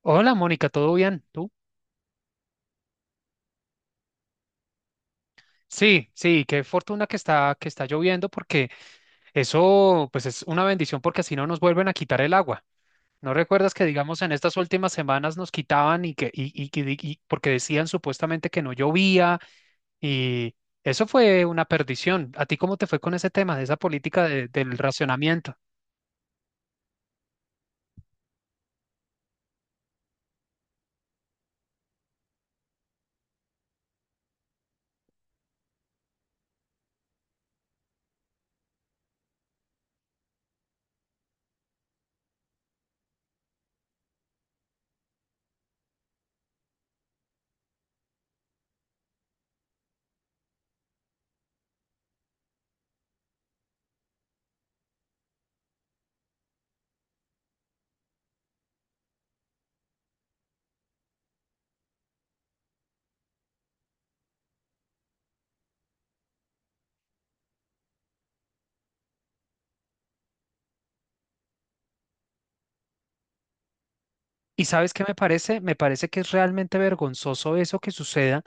Hola, Mónica, ¿todo bien? ¿Tú? Sí, sí, qué fortuna que está lloviendo porque eso pues es una bendición porque así no nos vuelven a quitar el agua. ¿No recuerdas que digamos en estas últimas semanas nos quitaban y porque decían supuestamente que no llovía y eso fue una perdición. ¿A ti cómo te fue con ese tema de esa política del racionamiento? ¿Y sabes qué me parece? Me parece que es realmente vergonzoso eso que suceda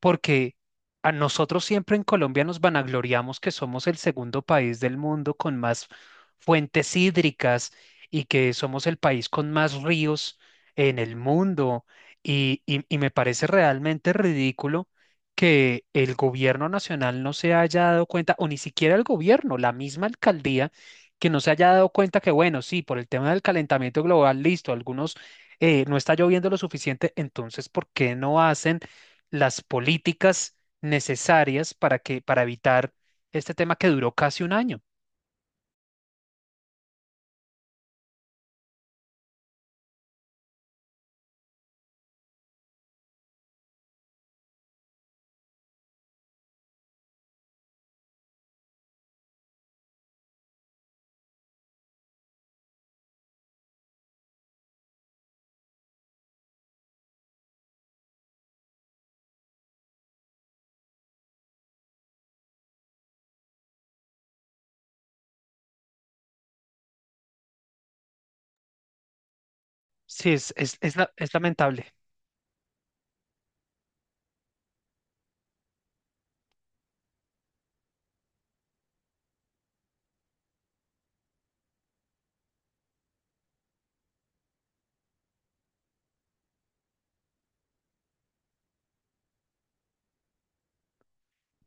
porque a nosotros siempre en Colombia nos vanagloriamos que somos el segundo país del mundo con más fuentes hídricas y que somos el país con más ríos en el mundo. Y me parece realmente ridículo que el gobierno nacional no se haya dado cuenta, o ni siquiera el gobierno, la misma alcaldía, que no se haya dado cuenta que, bueno, sí, por el tema del calentamiento global, listo, algunos no está lloviendo lo suficiente, entonces, ¿por qué no hacen las políticas necesarias para para evitar este tema que duró casi un año? Sí, es lamentable.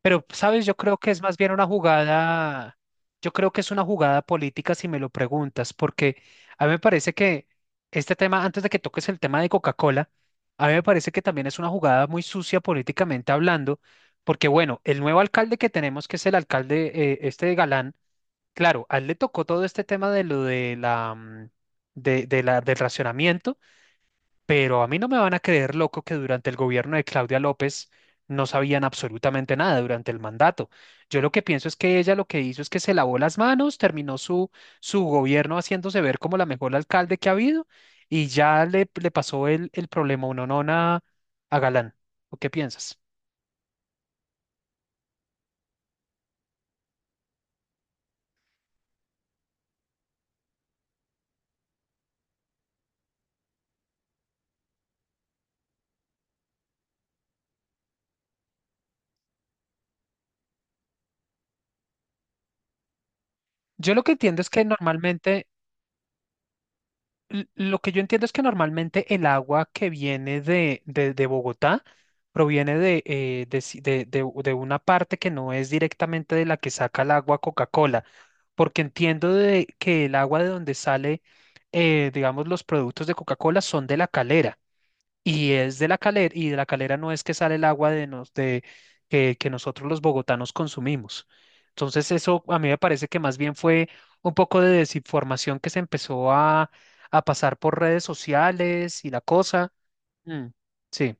Pero, ¿sabes? Yo creo que es más bien una jugada, yo creo que es una jugada política si me lo preguntas, porque a mí me parece que este tema, antes de que toques el tema de Coca-Cola, a mí me parece que también es una jugada muy sucia políticamente hablando, porque bueno, el nuevo alcalde que tenemos, que es el alcalde, este, de Galán. Claro, a él le tocó todo este tema de lo de la del racionamiento, pero a mí no me van a creer loco que durante el gobierno de Claudia López no sabían absolutamente nada durante el mandato. Yo lo que pienso es que ella lo que hizo es que se lavó las manos, terminó su gobierno haciéndose ver como la mejor alcalde que ha habido y ya le pasó el problema unonona a Galán. ¿O qué piensas? Yo lo que entiendo es que normalmente l- Lo que yo entiendo es que normalmente el agua que viene de Bogotá proviene de si- de u- de una parte que no es directamente de la que saca el agua Coca-Cola, porque entiendo de que el agua de donde sale, digamos, los productos de Coca-Cola, son de La Calera. Y es de La Calera, y de La Calera no es que sale el agua de nos, de, que nosotros los bogotanos consumimos. Entonces, eso a mí me parece que más bien fue un poco de desinformación que a pasar por redes sociales y la cosa. Mm, sí,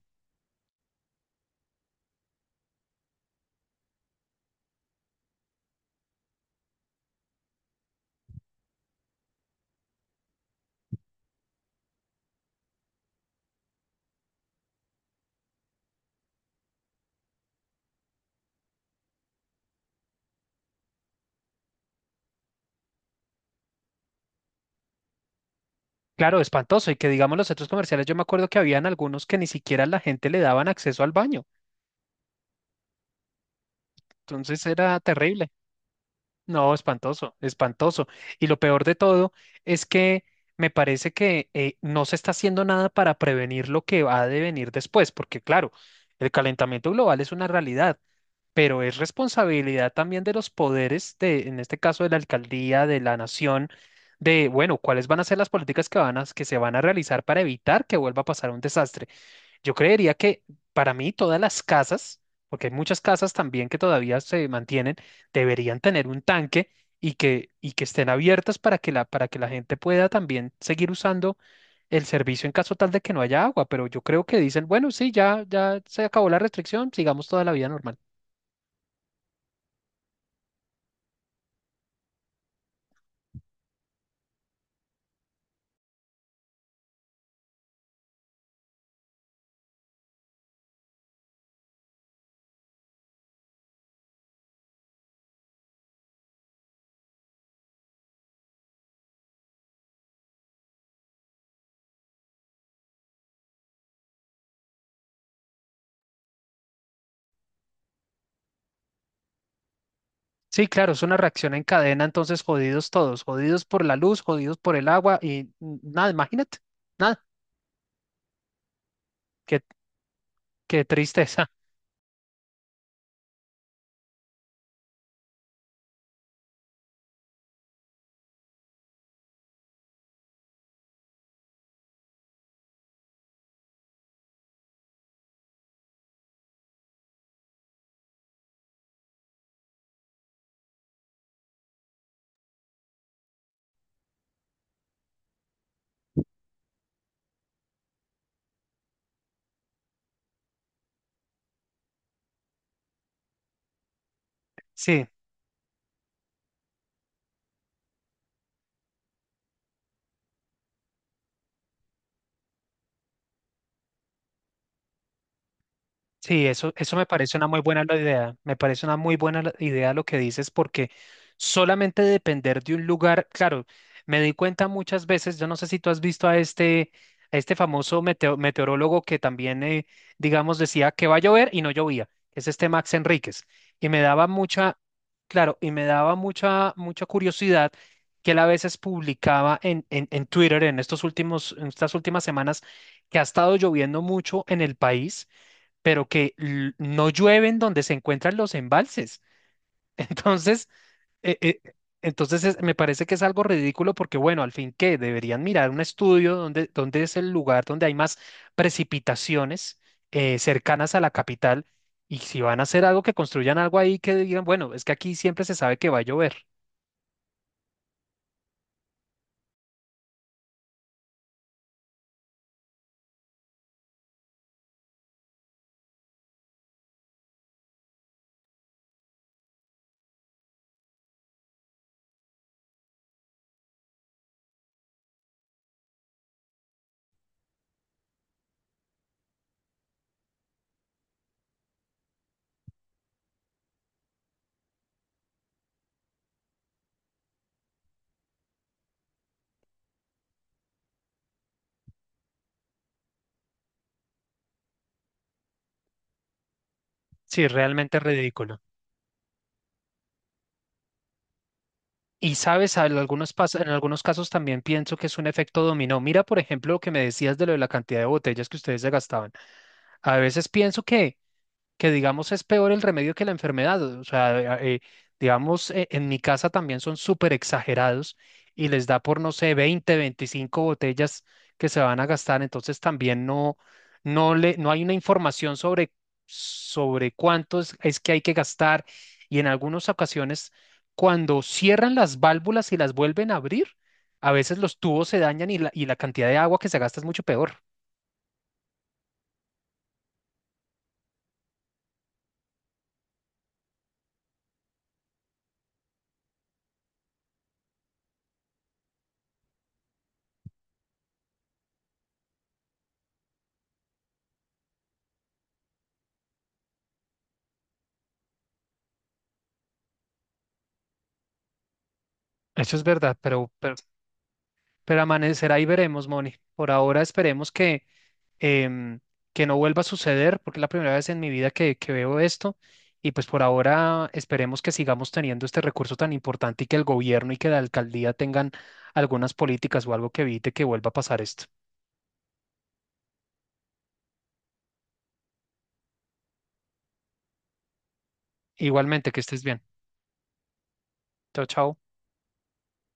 claro, espantoso. Y que digamos los centros comerciales, yo me acuerdo que habían algunos que ni siquiera la gente le daban acceso al baño. Entonces era terrible. No, espantoso, espantoso. Y lo peor de todo es que me parece que no se está haciendo nada para prevenir lo que va a devenir después, porque claro, el calentamiento global es una realidad, pero es responsabilidad también de los poderes, de, en este caso de la alcaldía, de la nación, de, bueno, cuáles van a ser las políticas que van a, que se van a realizar para evitar que vuelva a pasar un desastre. Yo creería que para mí todas las casas, porque hay muchas casas también que todavía se mantienen, deberían tener un tanque y y que estén abiertas para para que la gente pueda también seguir usando el servicio en caso tal de que no haya agua. Pero yo creo que dicen, bueno, sí, ya se acabó la restricción, sigamos toda la vida normal. Sí, claro, es una reacción en cadena, entonces jodidos todos, jodidos por la luz, jodidos por el agua y nada, imagínate, nada, qué, qué tristeza. Sí. Sí, eso me parece una muy buena la idea. Me parece una muy idea lo que dices, porque solamente depender de un lugar, claro, me di cuenta muchas veces, yo no sé si tú has visto a a este famoso meteorólogo que también, digamos, decía que va a llover y no llovía, es este Max Enríquez. Y me daba mucha, claro, y me daba mucha, mucha curiosidad que él a veces publicaba en Twitter en estos últimos, en estas últimas semanas, que ha estado lloviendo mucho en el país pero que no llueven donde se encuentran los embalses. Entonces, eh, eh, me parece que es algo ridículo porque, bueno, al fin que deberían mirar un estudio donde, donde es el lugar donde hay más precipitaciones cercanas a la capital. Y si van a hacer algo, que construyan algo ahí que digan, bueno, es que aquí siempre se sabe que va a llover. Sí, realmente es ridículo. Y sabes, en en algunos casos también pienso que es un efecto dominó. Mira, por ejemplo, lo que me decías de lo de la cantidad de botellas que ustedes se gastaban. A veces pienso que, digamos, es peor el remedio que la enfermedad. O sea, digamos, en mi casa también son súper exagerados y les da por, no sé, 20, 25 botellas que se van a gastar. Entonces también no hay una información sobre, sobre cuánto es que hay que gastar. Y en algunas ocasiones, cuando cierran las válvulas y las vuelven a abrir, a veces los tubos se dañan y la cantidad de agua que se gasta es mucho peor. Eso es verdad, pero amanecerá y veremos, Moni. Por ahora esperemos em, que no vuelva a suceder, porque es la primera vez en mi vida que veo esto. Y pues por ahora esperemos que sigamos teniendo este recurso tan importante y que el gobierno y que la alcaldía tengan algunas políticas o algo que evite que vuelva a pasar esto. Igualmente, que estés bien. Chao, chao.